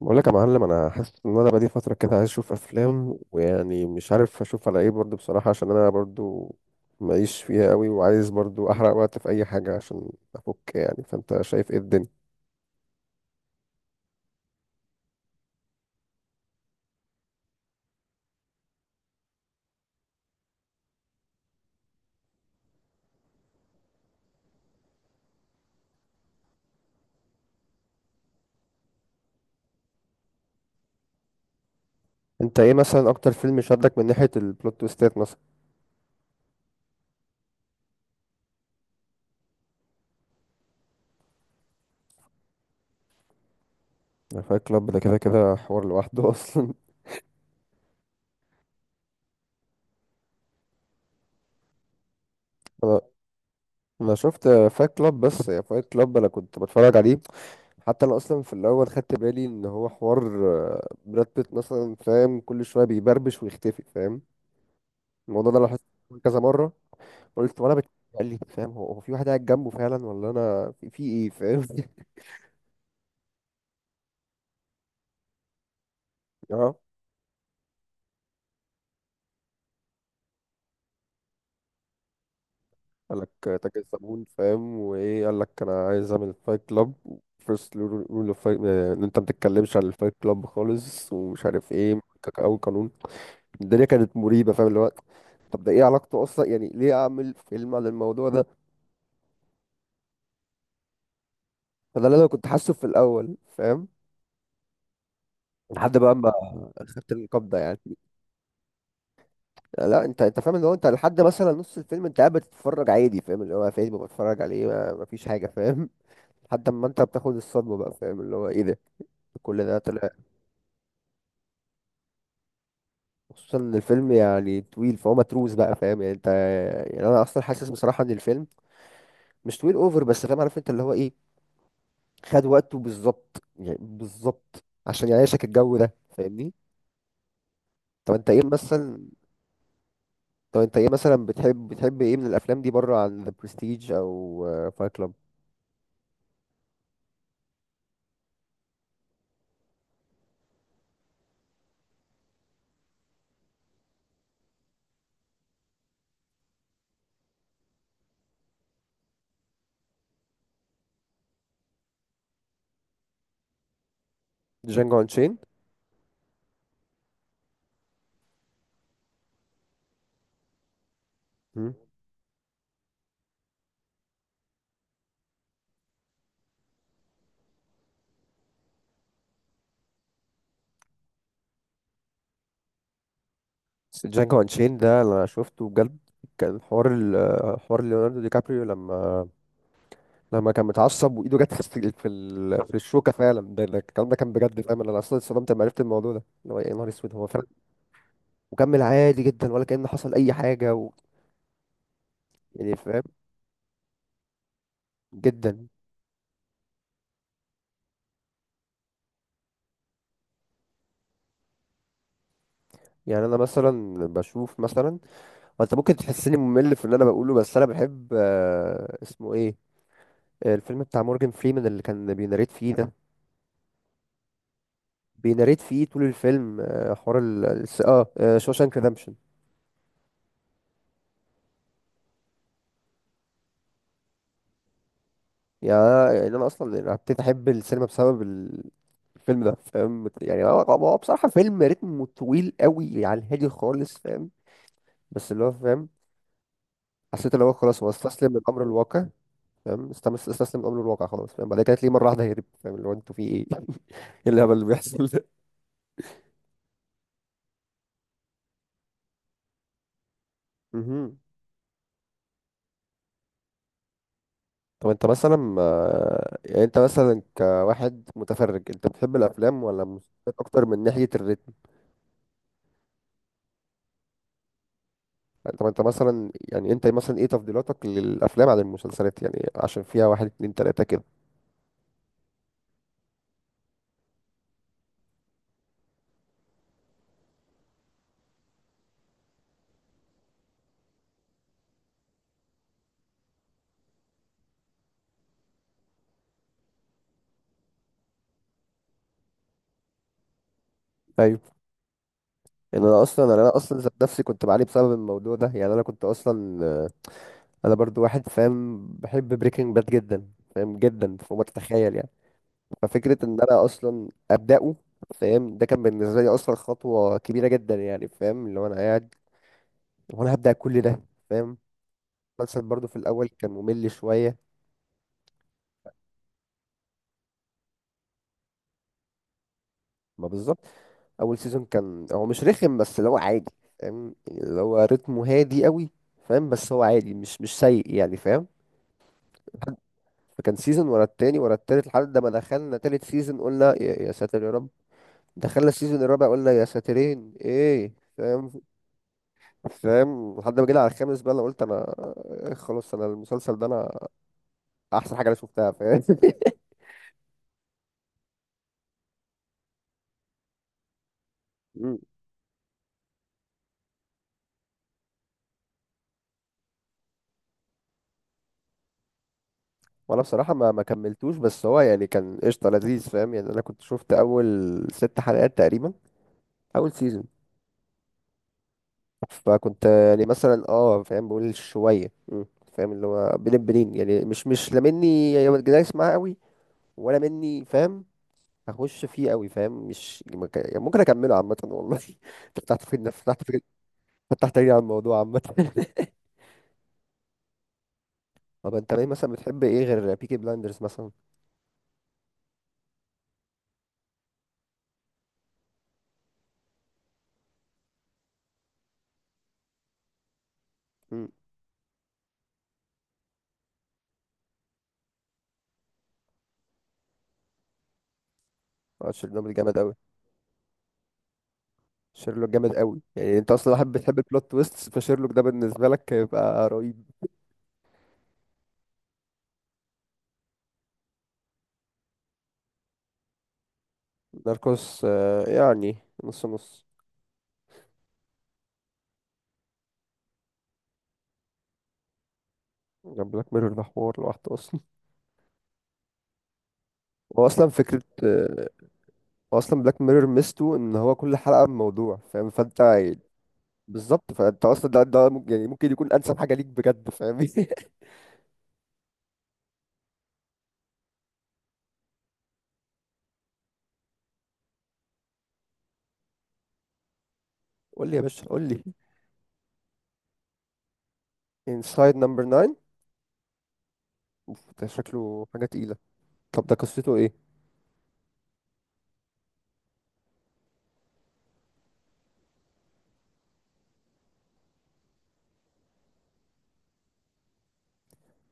بقول لك يا معلم، انا حاسس ان انا بقالي فتره كده عايز اشوف افلام. ويعني مش عارف اشوف على ايه برضو بصراحه، عشان انا برضو ماليش فيها قوي، وعايز برضو احرق وقت في اي حاجه عشان افك يعني. فانت شايف ايه الدنيا؟ انت ايه مثلا اكتر فيلم شدك من ناحيه البلوت تويستات مثلا؟ فايت كلاب ده كده كده حوار لوحده اصلا. انا انا شفت فايت كلاب بس يا فايت كلاب، انا كنت بتفرج عليه حتى انا اصلا في الاول خدت بالي ان هو حوار. براد بيت مثلا، فاهم؟ كل شويه بيبربش ويختفي، فاهم الموضوع ده؟ لاحظت كذا مره. قلت وانا قال لي فاهم، هو في واحد قاعد جنبه فعلا، ولا انا في ايه، فاهم؟ اه، قال لك تاكل صابون، فاهم؟ وايه قال لك؟ انا عايز اعمل فايت كلاب، فيرست رول اوف فايت ان انت ما تتكلمش عن الفايت كلاب خالص، ومش عارف ايه، اول قانون. الدنيا كانت مريبه، فاهم الوقت؟ طب ده ايه علاقته اصلا؟ يعني ليه اعمل فيلم عن الموضوع ده؟ فده اللي انا كنت حاسه في الاول، فاهم؟ لحد بقى ما خدت القبضه يعني. لا، انت فاهم، اللي هو انت لحد مثلا نص الفيلم انت قاعد بتتفرج عادي، فاهم؟ اللي هو فيلم بتفرج عليه ما فيش حاجه، فاهم؟ لحد ما انت بتاخد الصدمه بقى، فاهم؟ اللي هو ايه ده، كل ده طلع! خصوصا ان الفيلم يعني طويل، فهو متروس بقى، فاهم يعني انت؟ يعني انا اصلا حاسس بصراحه ان الفيلم مش طويل اوفر بس، فاهم؟ عارف انت اللي هو ايه، خد وقته بالظبط، يعني بالظبط عشان يعيشك الجو ده، فاهمني؟ طب انت ايه مثلا طب انت ايه مثلا بتحب ايه من الافلام دي بره عن ذا برستيج او فايت كلاب؟ جانجو انشين؟ بس جانجو انشين ده انا شفته بجد. كان حوار حوار ليوناردو دي كابريو لما كان متعصب وايده جت في الشوكه فعلا. ده الكلام ده كان بجد، فاهم؟ انا اصلا اتصدمت لما عرفت الموضوع ده، اللي هو يا نهار اسود، هو فعلا وكمل عادي جدا ولا كأن حصل اي حاجه يعني، فاهم؟ جدا. يعني انا مثلا بشوف مثلا، وانت ممكن تحسني ممل في اللي انا بقوله، بس انا بحب، اسمه ايه، الفيلم بتاع مورجان فريمان اللي كان بيناريت فيه ده. بيناريت فيه طول الفيلم، حوار ال الس- اه شوشانك ريدمبشن. يعني انا اصلا يعني ابتديت احب السينما بسبب الفيلم ده، فاهم؟ يعني هو، هو بصراحة فيلم رتمه طويل قوي، يعني هادي خالص، فاهم؟ بس اللي هو، فاهم؟ حسيت اللي هو خلاص، هو استسلم للامر الواقع، فاهم؟ استسلم لامر الواقع خلاص، فاهم؟ بعد كده تلاقيه مره واحده هرب، فاهم؟ اللي هو انتوا في ايه؟ ايه الهبل اللي بيحصل ده؟ مهم. طب انت مثلا، يعني انت مثلا كواحد متفرج، انت بتحب الافلام ولا المسلسلات اكتر من ناحيه الريت؟ طب انت مثلا، يعني انت مثلا ايه تفضيلاتك للافلام عن المسلسلات، يعني عشان فيها واحد اتنين تلاته كده؟ ايوه. يعني انا اصلا ذات نفسي كنت بعاني بسبب الموضوع ده. يعني انا كنت اصلا، انا برضو واحد، فاهم، بحب بريكنج باد جدا، فاهم، جدا فوق ما تتخيل يعني. ففكره ان انا اصلا ابداه، فاهم، ده كان بالنسبه لي اصلا خطوه كبيره جدا، يعني فاهم، اللي هو انا قاعد وانا هبدا كل ده، فاهم؟ المسلسل برضو في الاول كان ممل شويه. ما بالظبط، اول سيزون كان هو مش رخم، بس اللي هو عادي، فاهم؟ يعني اللي هو رتمه هادي قوي، فاهم؟ بس هو عادي، مش سيء يعني، فاهم؟ فكان سيزون ورا التاني ورا التالت، لحد ما دخلنا تالت سيزون قلنا يا ساتر يا رب. دخلنا السيزون الرابع قلنا يا ساترين ايه، فاهم؟ فاهم لحد ما جينا على الخامس بقى، انا قلت انا، خلاص، انا المسلسل ده انا احسن حاجه انا شفتها، فاهم؟ مم. وانا بصراحه ما كملتوش، بس هو يعني كان قشطه لذيذ، فاهم؟ يعني انا كنت شفت اول 6 حلقات تقريبا، اول سيزون. فكنت يعني مثلا اه، فاهم، بقول شويه مم، فاهم، اللي هو بين البنين يعني مش لا مني، يعني دايس معاه قوي، ولا مني، فاهم؟ هخش فيه قوي، فاهم، مش مك- يعني ممكن اكمله عامه والله. فتحت في فتحت في فتحت لي على الموضوع عامه طب انت ليه مثلا بتحب ايه غير بيكي بلايندرز مثلا؟ امم. اه، شيرلوك جامد قوي. شيرلوك جامد قوي، يعني انت اصلا واحد بتحب البلوت تويست، فشيرلوك ده بالنسبه لك هيبقى رهيب. ناركوس، يعني نص نص. بلاك ميرور ده حوار لوحده اصلا. هو اصلا فكره، هو اصلا بلاك ميرور ميزته ان هو كل حلقه بموضوع، فاهم؟ فانت بالظبط، فانت اصلا ده ممكن يعني ممكن يكون انسب حاجه ليك بجد، فاهم؟ قول لي يا باشا قول لي. انسايد نمبر 9. اوف، ده شكله حاجه تقيله. طب ده قصته ايه؟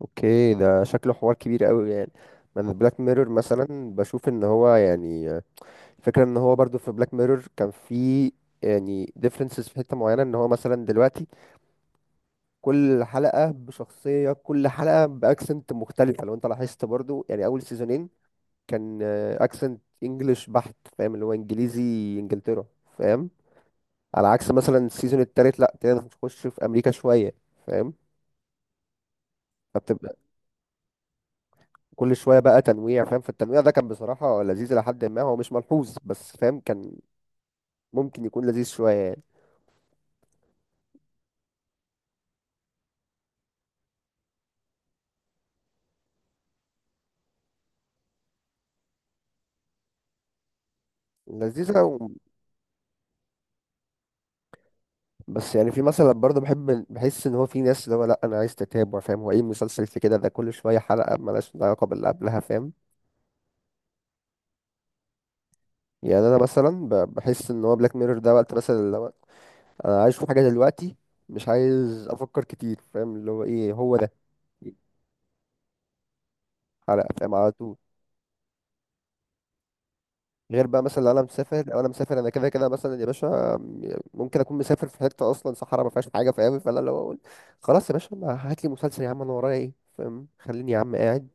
اوكي، ده شكله حوار كبير قوي يعني. ما انا بلاك ميرور مثلا بشوف ان هو يعني، الفكره ان هو برضو في بلاك ميرور كان في، يعني differences في حته معينه، ان هو مثلا دلوقتي كل حلقة بشخصية، كل حلقة بأكسنت مختلفة، لو انت لاحظت برضو، يعني أول سيزونين كان أكسنت إنجلش بحت، فاهم اللي هو إنجليزي، إنجلترا، فاهم؟ على عكس مثلا السيزون التالت لأ، ابتدينا نخش في أمريكا شوية، فاهم؟ فبتبقى كل شوية بقى تنويع، فاهم؟ فالتنويع ده كان بصراحة لذيذ لحد ما هو مش ملحوظ، بس فاهم، كان ممكن يكون لذيذ شوية يعني. لذيذة. بس يعني في مثلا برضه، بحب بحس ان هو في ناس اللي هو لا انا عايز تتابع، فاهم هو ايه المسلسل في كده ده كل شويه حلقه ملهاش علاقه باللي قبلها، فاهم؟ يعني انا مثلا بحس ان هو بلاك ميرور ده وقت مثلا اللي هو انا عايز اشوف حاجه دلوقتي، مش عايز افكر كتير، فاهم اللي هو ايه هو ده. حلقه، فاهم، على طول. غير بقى مثلا لو انا مسافر، انا كده كده مثلا يا باشا ممكن اكون مسافر في حته اصلا صحراء ما فيهاش حاجه، فاهم؟ فانا اللي هو اقول خلاص يا باشا، ما هات لي مسلسل يا عم، انا ورايا ايه، فاهم؟ خليني يا عم قاعد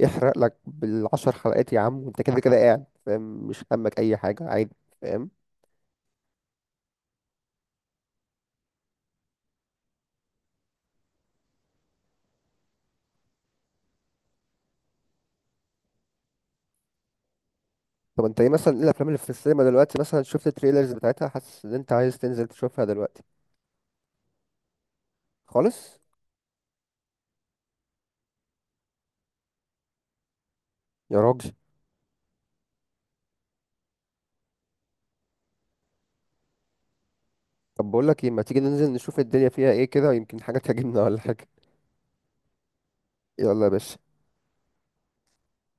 يحرق لك بال10 حلقات يا عم، وانت كده كده قاعد، فاهم؟ مش همك اي حاجه عادي، فاهم؟ طب انت ايه مثلا، ايه الافلام اللي في السينما دلوقتي مثلا شفت التريلرز بتاعتها حاسس ان انت عايز تنزل تشوفها دلوقتي؟ خالص. يا راجل! طب بقول لك ايه، ما تيجي ننزل نشوف الدنيا فيها ايه كده، يمكن حاجه تعجبنا ولا حاجه. يلا يا باشا.